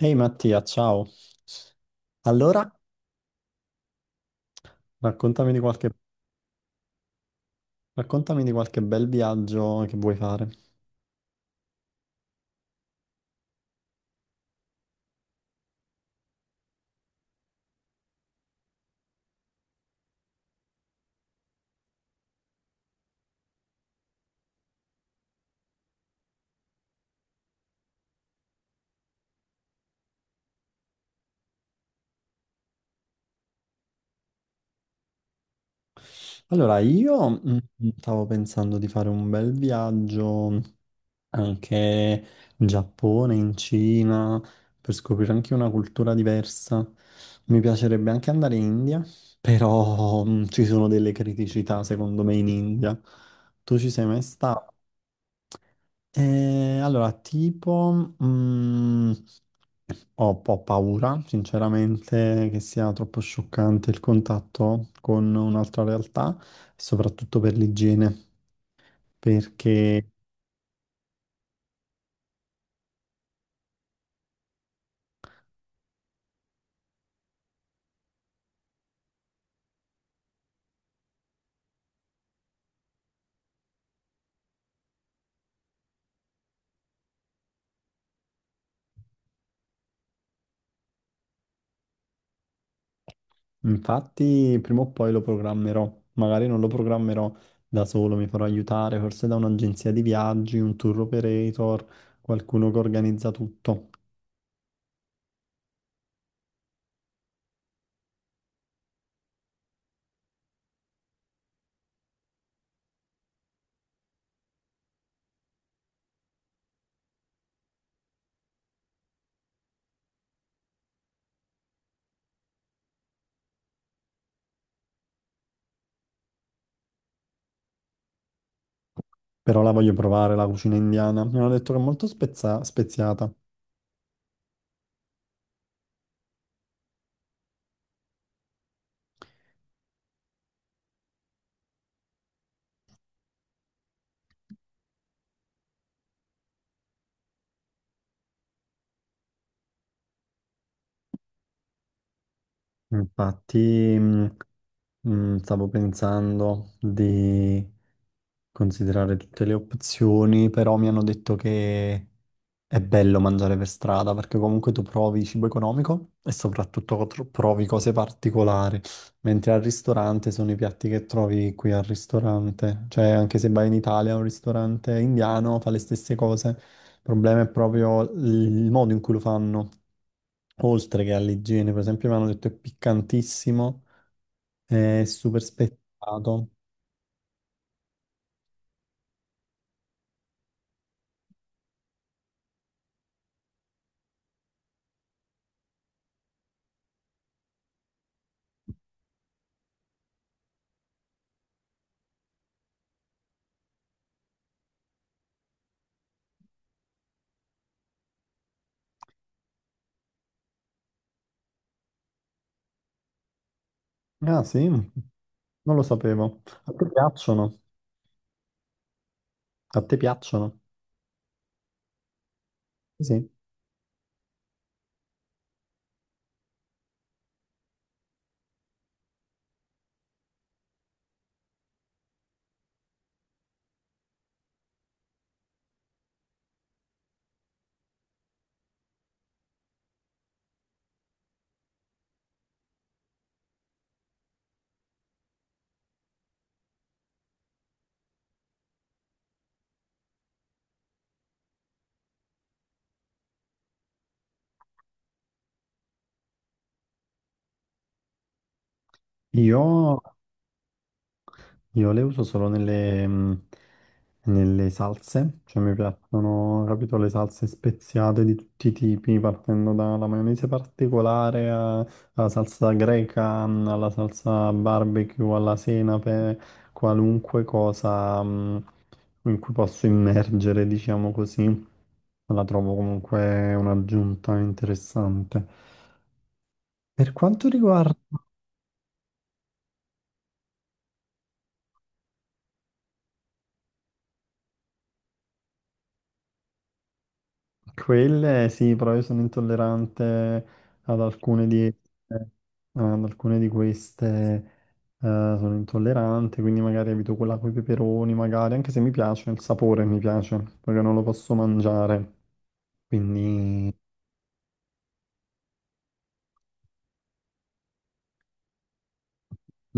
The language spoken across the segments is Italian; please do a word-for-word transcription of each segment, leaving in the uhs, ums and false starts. Ehi Mattia, ciao. Allora, raccontami di qualche, raccontami di qualche bel viaggio che vuoi fare. Allora, io mm, mm, stavo pensando di fare un bel viaggio anche in Giappone, in Cina, per scoprire anche una cultura diversa. Mi piacerebbe anche andare in India, però mm, ci sono delle criticità secondo me in India. Tu ci sei mai stato? Eh, allora, tipo, mm, ho un po' paura, sinceramente, che sia troppo scioccante il contatto con un'altra realtà, soprattutto per l'igiene, perché infatti prima o poi lo programmerò, magari non lo programmerò da solo, mi farò aiutare forse da un'agenzia di viaggi, un tour operator, qualcuno che organizza tutto. Però la voglio provare, la cucina indiana. Mi hanno detto che è molto spezza- speziata. Infatti, mh, mh, stavo pensando di considerare tutte le opzioni, però mi hanno detto che è bello mangiare per strada perché comunque tu provi cibo economico e soprattutto cotro- provi cose particolari, mentre al ristorante sono i piatti che trovi qui al ristorante. Cioè, anche se vai in Italia a un ristorante indiano fa le stesse cose. Il problema è proprio il modo in cui lo fanno, oltre che all'igiene. Per esempio, mi hanno detto è piccantissimo. È super spettato. Ah, sì, non lo sapevo. A te piacciono? A te piacciono? Sì. Io Io le uso solo nelle, mh, nelle salse, cioè mi piacciono, capito, le salse speziate di tutti i tipi, partendo dalla maionese particolare a- alla salsa greca, mh, alla salsa barbecue, alla senape, qualunque cosa, mh, in cui posso immergere, diciamo così, la trovo comunque un'aggiunta interessante. Per quanto riguarda. Quelle sì, però io sono intollerante ad alcune di, eh, ad alcune di queste, eh, sono intollerante, quindi magari evito quella con i peperoni, magari, anche se mi piace, il sapore mi piace, perché non lo posso mangiare. Quindi,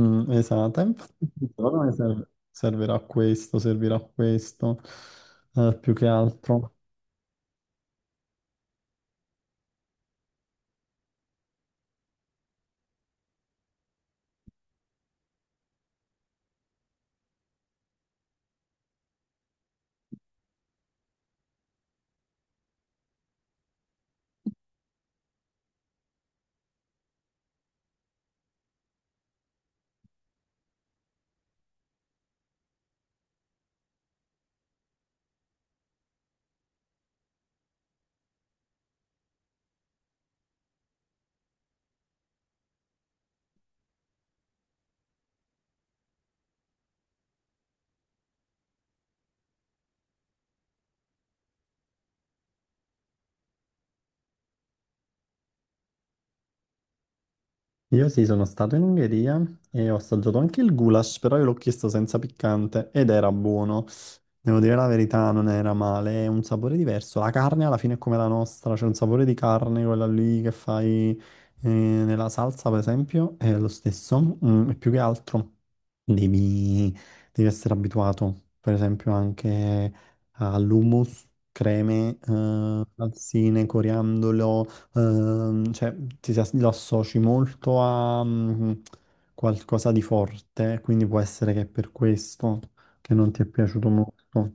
mm, esatto, e infatti secondo me ser- servirà a questo, servirà a questo, eh, più che altro. Io sì, sono stato in Ungheria e ho assaggiato anche il goulash, però io l'ho chiesto senza piccante ed era buono. Devo dire la verità, non era male, è un sapore diverso. La carne alla fine è come la nostra, c'è un sapore di carne, quella lì che fai eh, nella salsa, per esempio, è lo stesso. Mm, e più che altro devi, devi essere abituato, per esempio, anche all'hummus, creme, eh, salsine, coriandolo, ehm, cioè ti, si as- lo associ molto a mm, qualcosa di forte, quindi può essere che è per questo che non ti è piaciuto molto.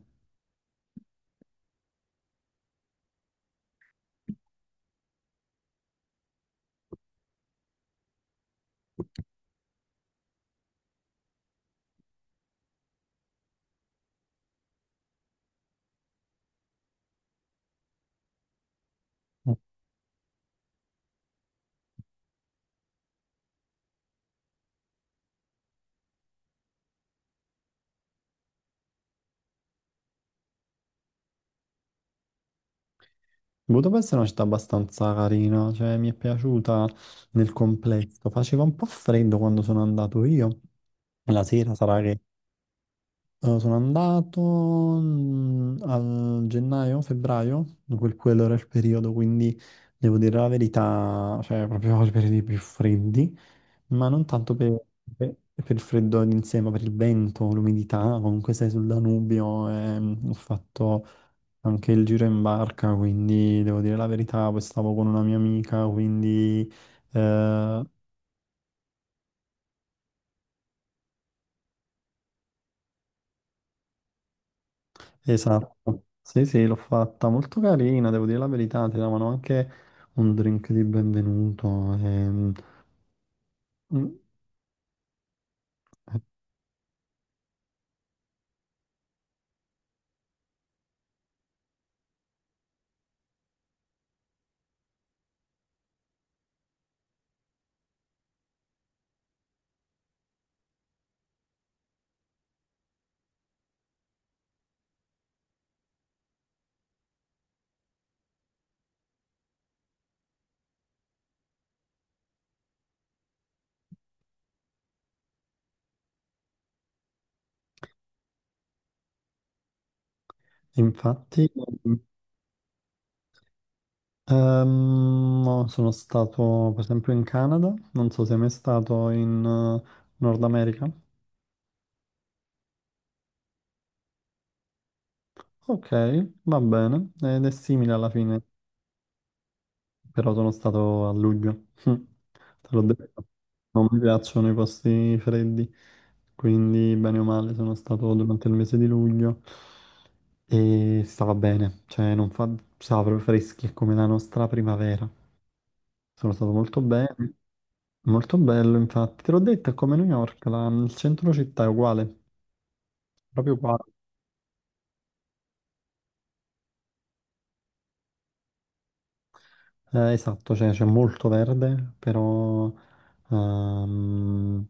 Budapest è una città abbastanza carina, cioè mi è piaciuta nel complesso. Faceva un po' freddo quando sono andato io. La sera sarà che eh, sono andato mm, a gennaio, febbraio, quel- quello era il periodo, quindi devo dire la verità, cioè proprio i periodi più freddi, ma non tanto per, per- per il freddo in sé, ma per il vento, l'umidità, comunque sei sul Danubio, ehm, ho fatto anche il giro in barca, quindi devo dire la verità, poi stavo con una mia amica, quindi eh, esatto. Sì, sì, l'ho fatta molto carina, devo dire la verità, ti davano anche un drink di benvenuto. ehm, mm, eh, Infatti, ehm, no, sono stato per esempio in Canada, non so se è mai stato in eh, Nord America. Ok, va bene, ed è simile alla fine. Però sono stato a luglio, te l'ho detto. Non mi piacciono i posti freddi, quindi bene o male sono stato durante il mese di luglio e stava bene, cioè non fa... stava proprio freschi, è come la nostra primavera. Sono stato molto bene, molto bello infatti. Te l'ho detto, è come New York, la- il centro città è uguale, proprio qua. Eh, esatto, cioè c'è molto verde, però ehm,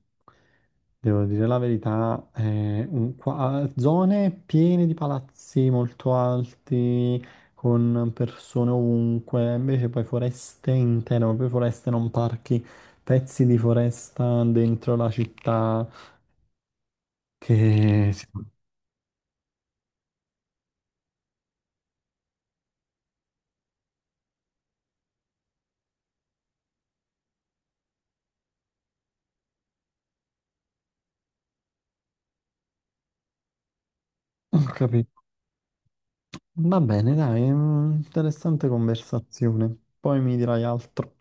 devo dire la verità, è un- qua- zone piene di palazzi molto alti, con persone ovunque, invece poi foreste intere, proprio foreste, non parchi, pezzi di foresta dentro la città che... si- Ho capito. Va bene, dai, mm, interessante conversazione. Poi mi dirai altro.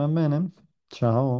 Va bene? Ciao.